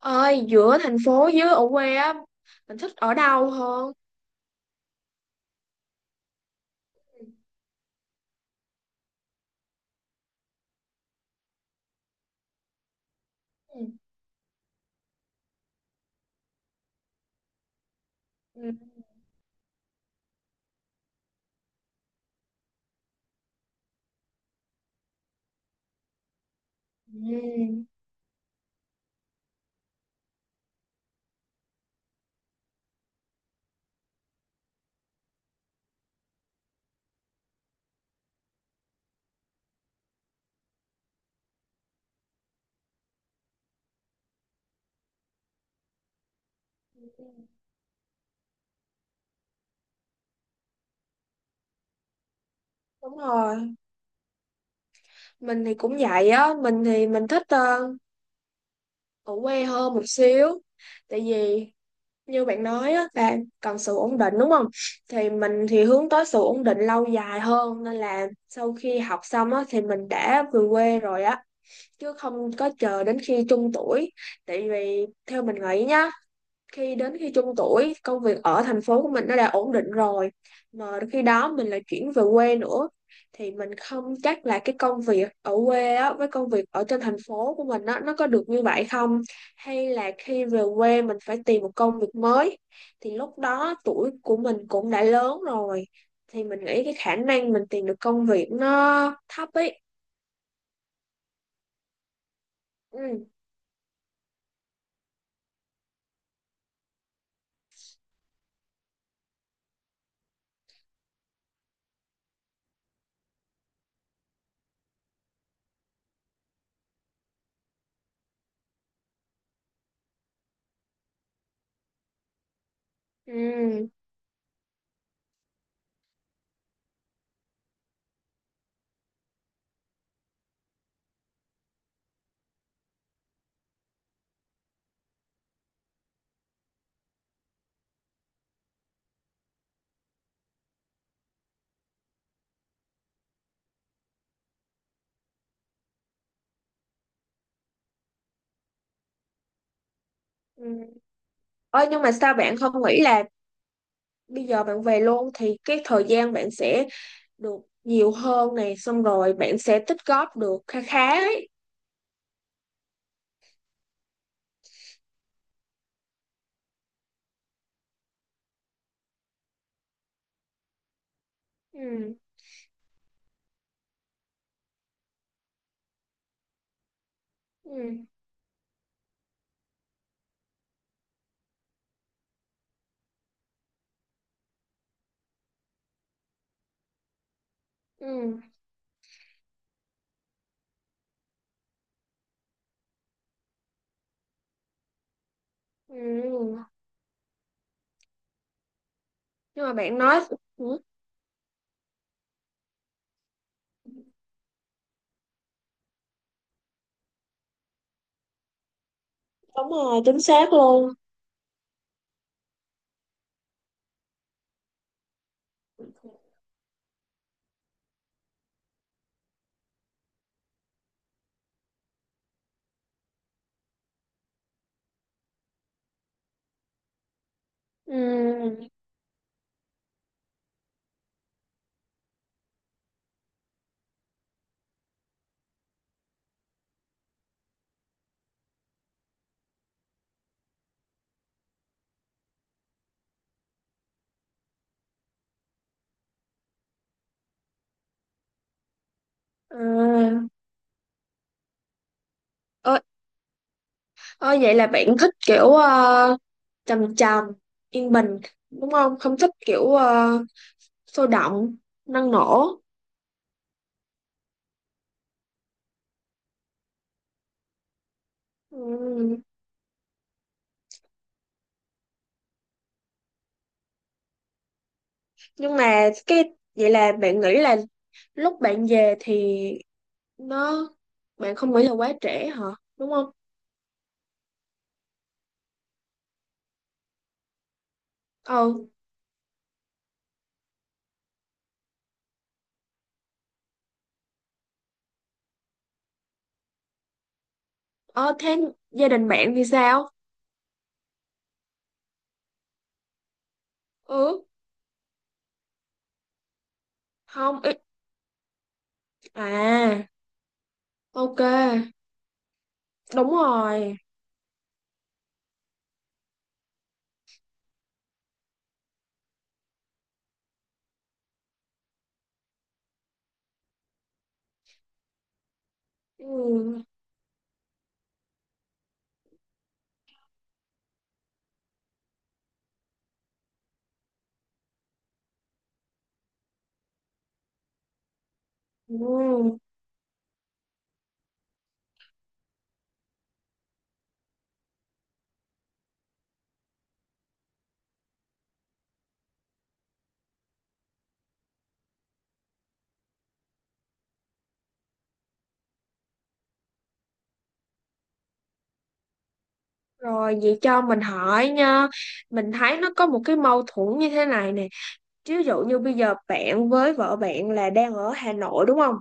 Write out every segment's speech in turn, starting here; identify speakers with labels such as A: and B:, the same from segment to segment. A: Ơi, giữa thành phố với ở quê á, mình thích ở đâu hơn? Ừ. Ừ. Ừ. Đúng rồi, mình thì cũng vậy á, mình thì mình thích ở quê hơn một xíu. Tại vì như bạn nói á, là cần sự ổn định, đúng không? Thì mình thì hướng tới sự ổn định lâu dài hơn, nên là sau khi học xong á thì mình đã về quê rồi á, chứ không có chờ đến khi trung tuổi. Tại vì theo mình nghĩ nhá, khi đến khi trung tuổi, công việc ở thành phố của mình nó đã ổn định rồi, mà khi đó mình lại chuyển về quê nữa, thì mình không chắc là cái công việc ở quê á, với công việc ở trên thành phố của mình á, nó có được như vậy không, hay là khi về quê mình phải tìm một công việc mới, thì lúc đó tuổi của mình cũng đã lớn rồi, thì mình nghĩ cái khả năng mình tìm được công việc nó thấp ấy. Ừ. Ừ. Ừ. Ôi, nhưng mà sao bạn không nghĩ là bây giờ bạn về luôn thì cái thời gian bạn sẽ được nhiều hơn này, xong rồi bạn sẽ tích góp được khá khá ấy. Ừ, ừ, ừ, ừ. Nhưng mà bạn nói ừ, đúng rồi, chính xác luôn. Ừ. À, ơ, ơ, vậy là bạn thích kiểu trầm trầm, yên bình, đúng không? Không thích kiểu sôi động, năng nổ? Ừ. Nhưng mà cái vậy là bạn nghĩ là lúc bạn về thì nó, bạn không nghĩ là quá trễ hả, đúng không? Ờ, ờ, thế gia đình bạn thì sao? Ừ, không ít, à, ok, đúng rồi. Ừ. Ừ. Rồi vậy cho mình hỏi nha, mình thấy nó có một cái mâu thuẫn như thế này nè, ví dụ như bây giờ bạn với vợ bạn là đang ở Hà Nội, đúng không?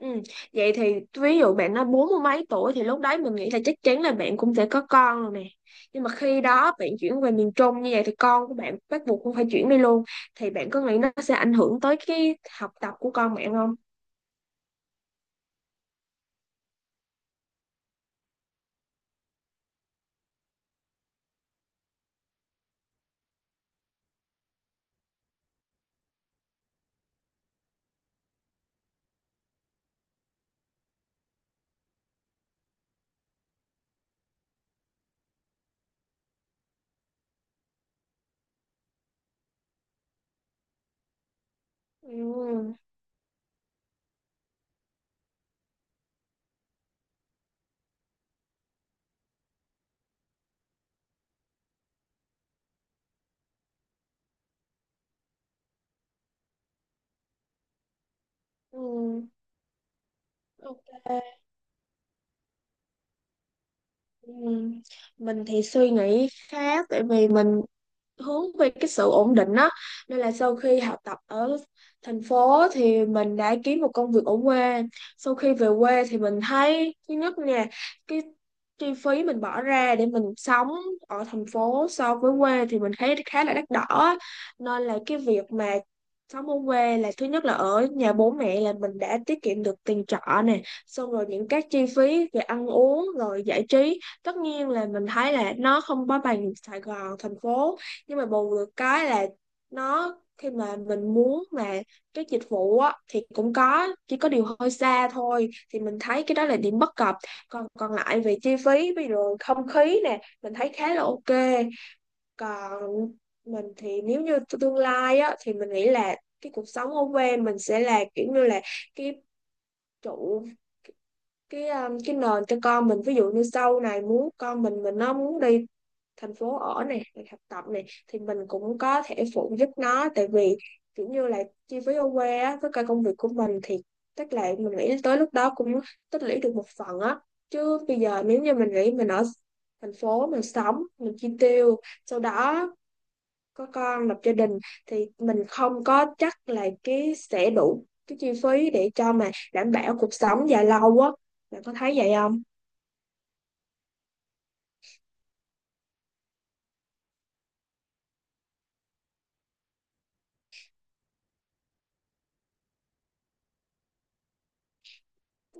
A: Ừ. Vậy thì ví dụ bạn nói bốn mươi mấy tuổi thì lúc đấy mình nghĩ là chắc chắn là bạn cũng sẽ có con rồi nè. Nhưng mà khi đó bạn chuyển về miền Trung như vậy thì con của bạn bắt buộc cũng phải chuyển đi luôn. Thì bạn có nghĩ nó sẽ ảnh hưởng tới cái học tập của con bạn không? Ừ. Ừ. Ok. Ừ. Mình thì suy nghĩ khác, tại vì mình hướng về cái sự ổn định đó, nên là sau khi học tập ở thành phố thì mình đã kiếm một công việc ở quê. Sau khi về quê thì mình thấy thứ nhất nè, cái chi phí mình bỏ ra để mình sống ở thành phố so với quê thì mình thấy khá là đắt đỏ, nên là cái việc mà sống ở quê là thứ nhất là ở nhà bố mẹ, là mình đã tiết kiệm được tiền trọ nè, xong rồi những các chi phí về ăn uống rồi giải trí, tất nhiên là mình thấy là nó không có bằng Sài Gòn, thành phố, nhưng mà bù được cái là nó khi mà mình muốn mà cái dịch vụ á thì cũng có, chỉ có điều hơi xa thôi, thì mình thấy cái đó là điểm bất cập. Còn còn lại về chi phí, ví dụ không khí nè, mình thấy khá là ok. Còn mình thì nếu như tương lai á thì mình nghĩ là cái cuộc sống ở quê mình sẽ là kiểu như là cái trụ, cái nền cho con mình. Ví dụ như sau này muốn con mình, nó muốn đi thành phố ở này, hoặc học tập này, thì mình cũng có thể phụ giúp nó. Tại vì kiểu như là chi phí ở quê á, với cả công việc của mình thì tức là mình nghĩ tới lúc đó cũng tích lũy được một phần á. Chứ bây giờ nếu như mình nghĩ mình ở thành phố, mình sống, mình chi tiêu, sau đó có con, lập gia đình, thì mình không có chắc là cái sẽ đủ cái chi phí để cho mà đảm bảo cuộc sống dài lâu á. Bạn có thấy vậy không?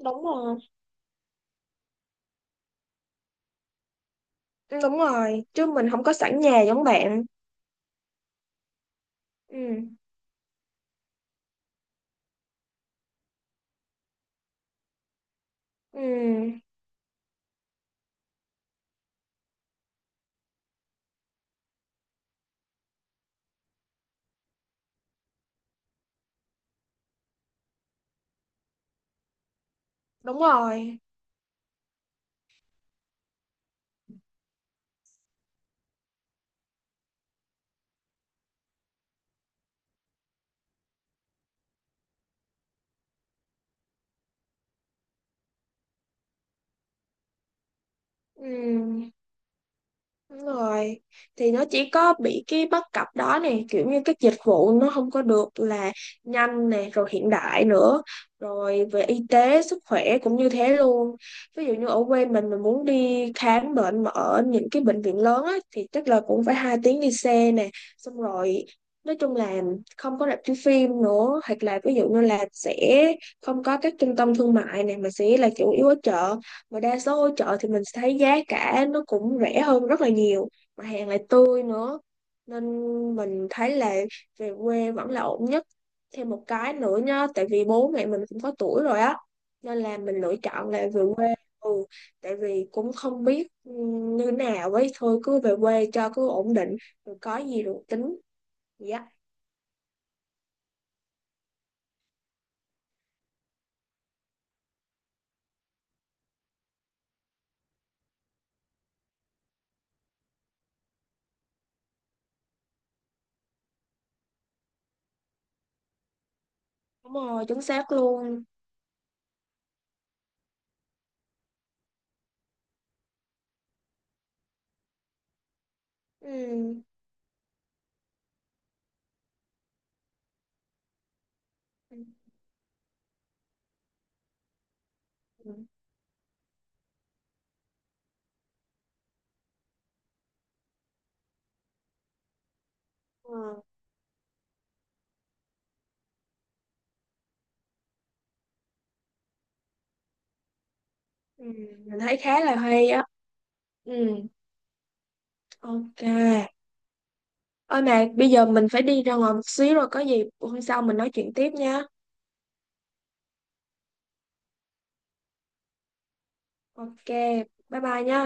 A: Đúng rồi, đúng rồi, chứ mình không có sẵn nhà giống bạn. Ừ. Ừ, đúng rồi. Ừ, đúng rồi. Thì nó chỉ có bị cái bất cập đó nè, kiểu như các dịch vụ nó không có được là nhanh nè, rồi hiện đại nữa, rồi về y tế, sức khỏe cũng như thế luôn. Ví dụ như ở quê mình muốn đi khám bệnh mà ở những cái bệnh viện lớn á, thì chắc là cũng phải hai tiếng đi xe nè, xong rồi nói chung là không có rạp chiếu phim nữa, hoặc là ví dụ như là sẽ không có các trung tâm thương mại này, mà sẽ là chủ yếu ở chợ. Mà đa số ở chợ thì mình sẽ thấy giá cả nó cũng rẻ hơn rất là nhiều, mà hàng lại tươi nữa, nên mình thấy là về quê vẫn là ổn nhất. Thêm một cái nữa nhá, tại vì bố mẹ mình cũng có tuổi rồi á, nên là mình lựa chọn là về quê. Ừ. Tại vì cũng không biết như nào ấy, thôi cứ về quê cho cứ ổn định, rồi có gì rồi tính. Dạ, đúng rồi, chính xác luôn. Ừ. Ừ. Ừ. Ừ. Mình thấy khá là hay á. Ừ, ok. Ôi, mà bây giờ mình phải đi ra ngoài một xíu rồi, có gì hôm sau mình nói chuyện tiếp nha. Ok, bye bye nha.